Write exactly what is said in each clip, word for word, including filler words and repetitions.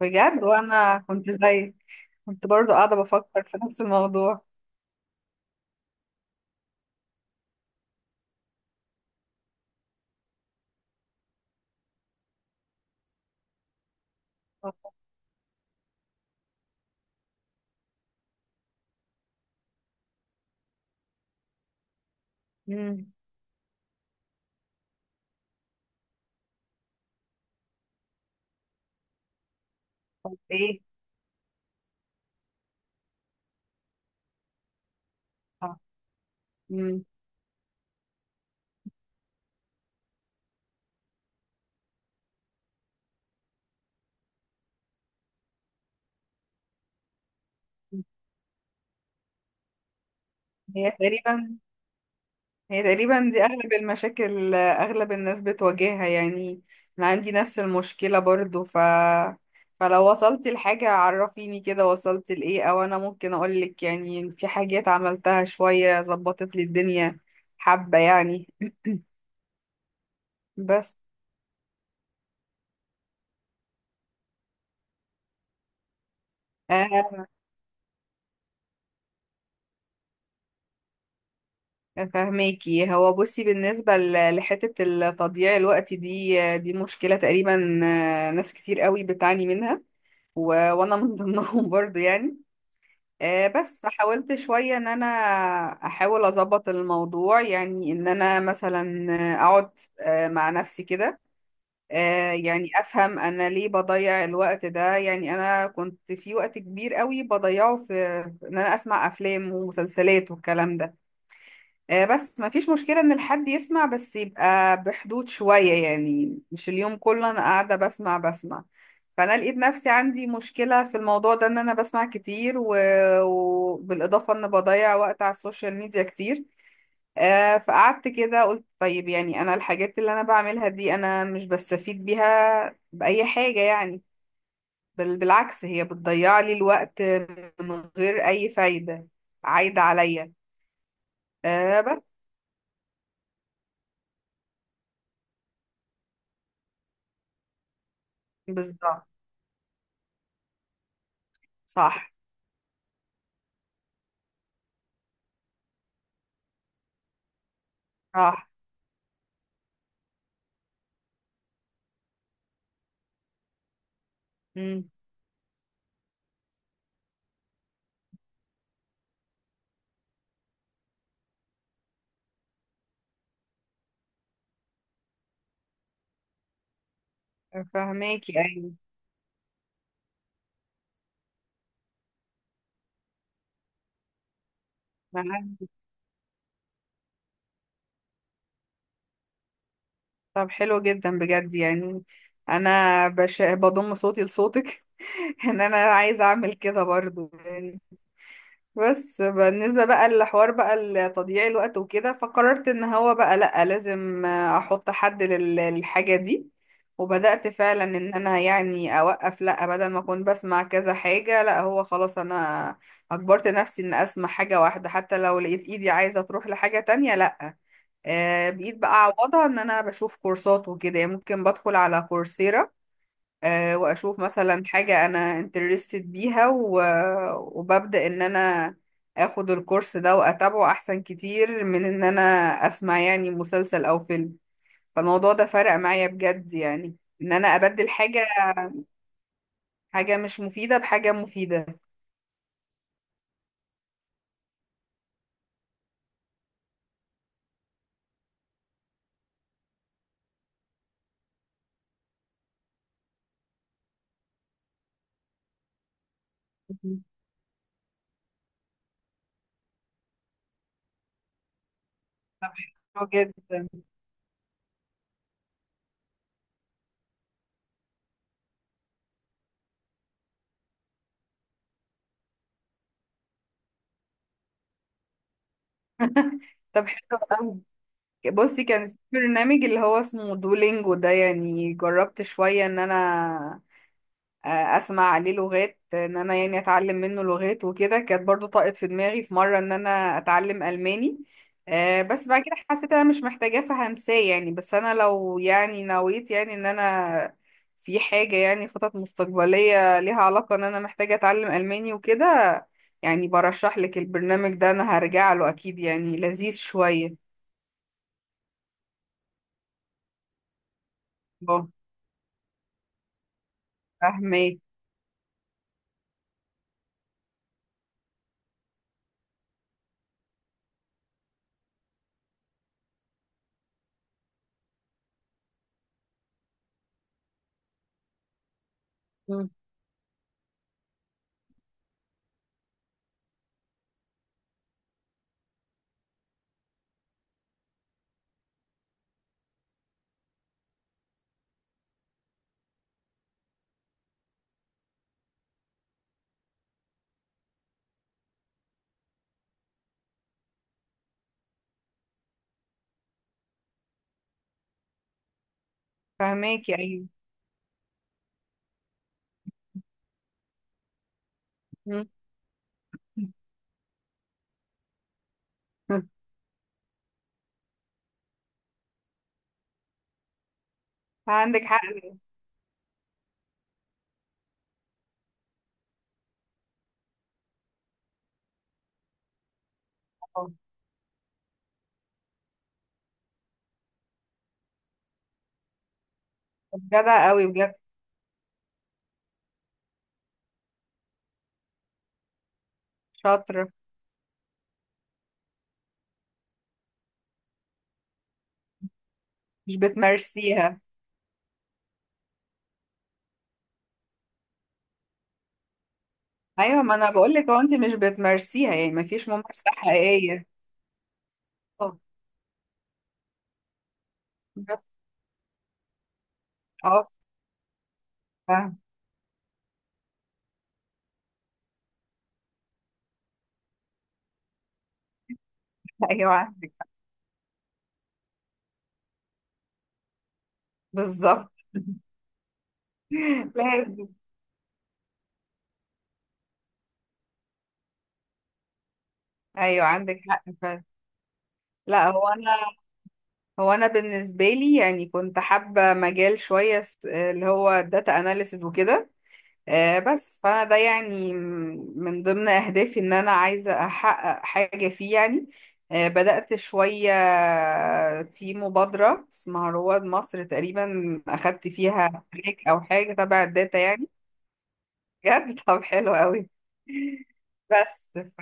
بجد وانا كنت زيك، كنت برضو قاعدة بفكر في نفس الموضوع. امم. طب ايه؟ اه. امم. هي تقريبا هي تقريبا دي اغلب المشاكل، آه، اغلب الناس بتواجهها يعني. انا عندي نفس المشكلة برضو، ف فلو وصلت لحاجة عرفيني كده وصلت لإيه، أو أنا ممكن أقولك يعني في حاجات عملتها شوية ظبطت لي الدنيا حبة يعني. بس آه فهماكي، هو بصي بالنسبة ل- لحتة التضييع الوقت دي، دي مشكلة تقريبا، آه، ناس كتير قوي بتعاني منها، و... وانا من ضمنهم برضو يعني. آه، بس فحاولت شوية ان انا احاول اظبط الموضوع، يعني ان انا مثلا آه، اقعد آه، مع نفسي كده، آه، يعني افهم انا ليه بضيع الوقت ده. يعني انا كنت في وقت كبير قوي بضيعه في في ان انا اسمع افلام ومسلسلات والكلام ده. آه، بس ما فيش مشكلة ان الحد يسمع، بس يبقى بحدود شوية، يعني مش اليوم كله انا قاعدة بسمع بسمع. فانا لقيت نفسي عندي مشكلة في الموضوع ده، ان انا بسمع كتير و- وبالاضافة ان بضيع وقت على السوشيال ميديا كتير. آه، فقعدت كده قلت طيب، يعني انا الحاجات اللي انا بعملها دي انا مش بستفيد بيها بأي حاجة يعني، بل بالعكس هي بتضيع لي الوقت من غير اي فايدة عايدة عليا. آه، بس. بالظبط. صح، صح. امم. فهماكي. ايوه. معاك. طب حلو جدا بجد يعني. انا بش... بضم صوتي لصوتك ان انا عايزه اعمل كده برضو يعني. بس بالنسبه بقى للحوار، بقى لتضييع الوقت وكده، فقررت ان هو بقى لا، لازم احط حد لل- للحاجه دي. وبدات فعلا ان انا يعني اوقف، لا بدل ما اكون بسمع كذا حاجه، لا هو خلاص انا اجبرت نفسي ان اسمع حاجه واحده، حتى لو لقيت ايدي عايزه تروح لحاجه تانية لا. آه، بقيت بقى اعوضها ان انا بشوف كورسات وكده، يعني ممكن بدخل على كورسيرا. آه، واشوف مثلا حاجة انا انترستد بيها، و- وببدأ ان انا اخد الكورس ده واتابعه، احسن كتير من ان انا اسمع يعني مسلسل او فيلم. فالموضوع ده فرق معايا بجد يعني، ان انا ابدل حاجة حاجة مش مفيدة بحاجة مفيدة. مهم. طب حلو جدا. طب حلو. بصي كان في برنامج اللي هو اسمه دولينجو ده، يعني جربت شوية ان انا آه، اسمع عليه لغات، ان انا يعني اتعلم منه لغات وكده. كانت برضو طاقت في دماغي في مرة ان انا اتعلم الماني. آه، بس بعد كده حسيت انا مش محتاجاه فهنساه يعني. بس انا لو يعني نويت يعني ان انا في حاجة يعني خطط مستقبلية ليها علاقة ان انا محتاجة اتعلم الماني وكده، يعني برشح لك البرنامج ده. انا هرجع له اكيد يعني، لذيذ شوية. اه. فاهمك. مم. فهماكي. ايوه. مم. عندك حق. اه. جدع قوي بجد. شاطر. مش بتمارسيها. ايوه، ما انا بقول لك هو انت مش بتمارسيها، يعني ما فيش ممارسه حقيقيه. اه. بس. اه. فاهمة. ايوه عندك حق. بالظبط. لازم. ايوه عندك حق فعلا. لا، هو انا هو انا بالنسبه لي يعني كنت حابه مجال شويه س- اللي هو الداتا اناليسز وكده. آه، بس فانا ده يعني م- من ضمن اهدافي ان انا عايزه احقق حاجه فيه يعني. آه، بدات شويه في مبادره اسمها رواد مصر تقريبا، اخدت فيها تراك او حاجه تبع الداتا يعني. بجد. طب حلو قوي. بس ف-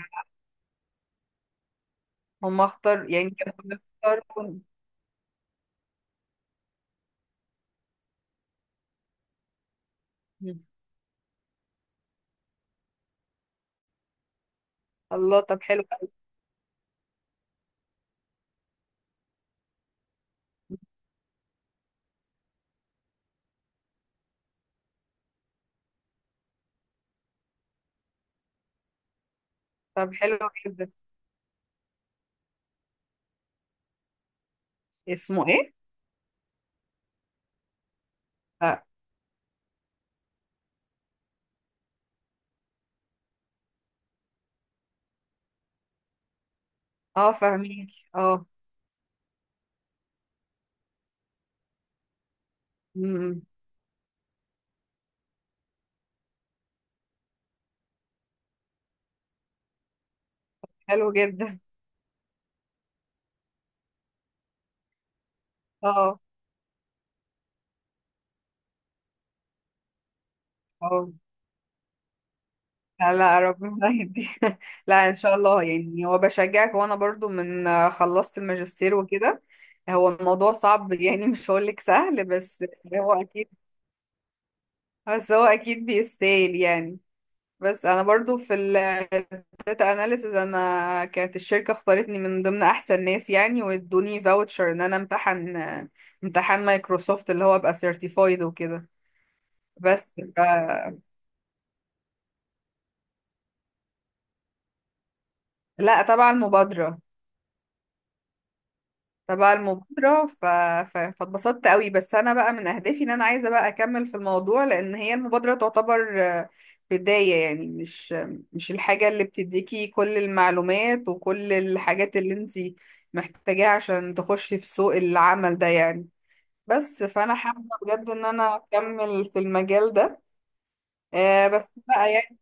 هم اختار، يعني كانوا بيختاروا. الله، طب حلو قوي. طب حلو جدا. اسمه ايه؟ اه. فاهمين. اه. فاهميكي. اه. مم، حلو جدا. اه. اه. لا، لا، ربنا يهدي. لا ان شاء الله. يعني هو بشجعك، وانا برضو من آه، خلصت الماجستير وكده. هو الموضوع صعب يعني، مش هقولك سهل، بس هو اكيد بس هو اكيد بيستاهل يعني. بس انا برضو في الداتا اناليسز، انا كانت الشركة اختارتني من ضمن احسن ناس يعني، وادوني فاوتشر ان انا امتحن آه، امتحان مايكروسوفت اللي هو ابقى سيرتيفايد وكده. بس ف... لا طبعا مبادرة. فبقى المبادرة ف... ف... فاتبسطت قوي. بس أنا بقى من أهدافي إن أنا عايزة بقى أكمل في الموضوع، لأن هي المبادرة تعتبر آه، بداية يعني، مش مش الحاجة اللي بتديكي كل المعلومات وكل الحاجات اللي انتي محتاجاها عشان تخشي في سوق العمل ده يعني. بس فأنا حابة بجد إن أنا أكمل في المجال ده. آه، بس بقى يعني.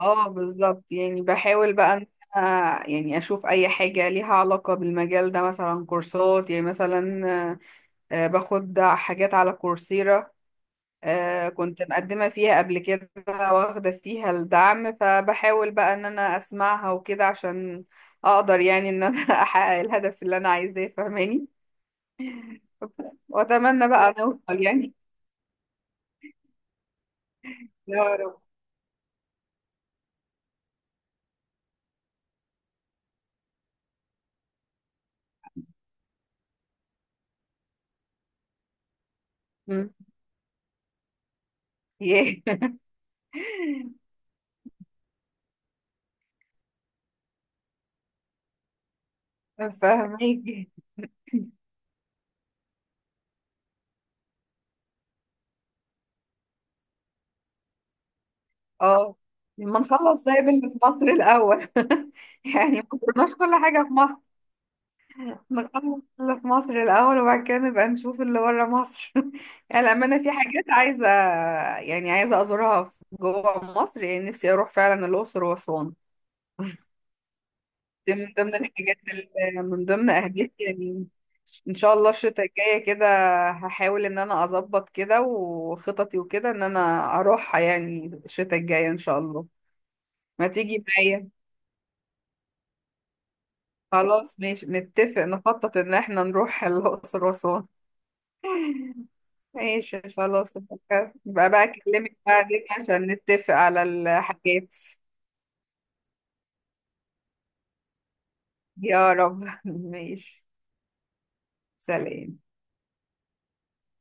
اه بالظبط يعني، بحاول بقى إن أنا يعني أشوف أي حاجة ليها علاقة بالمجال ده، مثلا كورسات يعني. مثلا آه، باخد حاجات على كورسيرا. آه، كنت مقدمة فيها قبل كده واخدة فيها الدعم، فبحاول بقى ان انا اسمعها وكده عشان اقدر يعني ان انا احقق الهدف اللي انا عايزاه فاهماني. واتمنى بقى نوصل يعني. يا رب. مم. ياه. فاهميكي. اه، ما نخلص زي اللي في مصر الاول يعني، ما كناش كل حاجة في مصر، نخلص اللي في مصر الأول وبعد كده نبقى نشوف اللي بره مصر. يعني للأمانة في حاجات عايزة، يعني عايزة أزورها في جوه مصر، يعني نفسي أروح فعلا الأقصر وأسوان. دي من ضمن الحاجات اللي، من ضمن أهدافي يعني. إن شاء الله الشتاء الجاية كده هحاول إن أنا أظبط كده وخططي وكده إن أنا أروحها، يعني الشتاء الجاية إن شاء الله. ما تيجي معايا؟ خلاص ماشي، نتفق نخطط إن إحنا نروح الأقصر وأسوان. ماشي خلاص، يبقى يبقى بقى اكلمك بعدين عشان نتفق على الحاجات. يا رب. ماشي، سلام.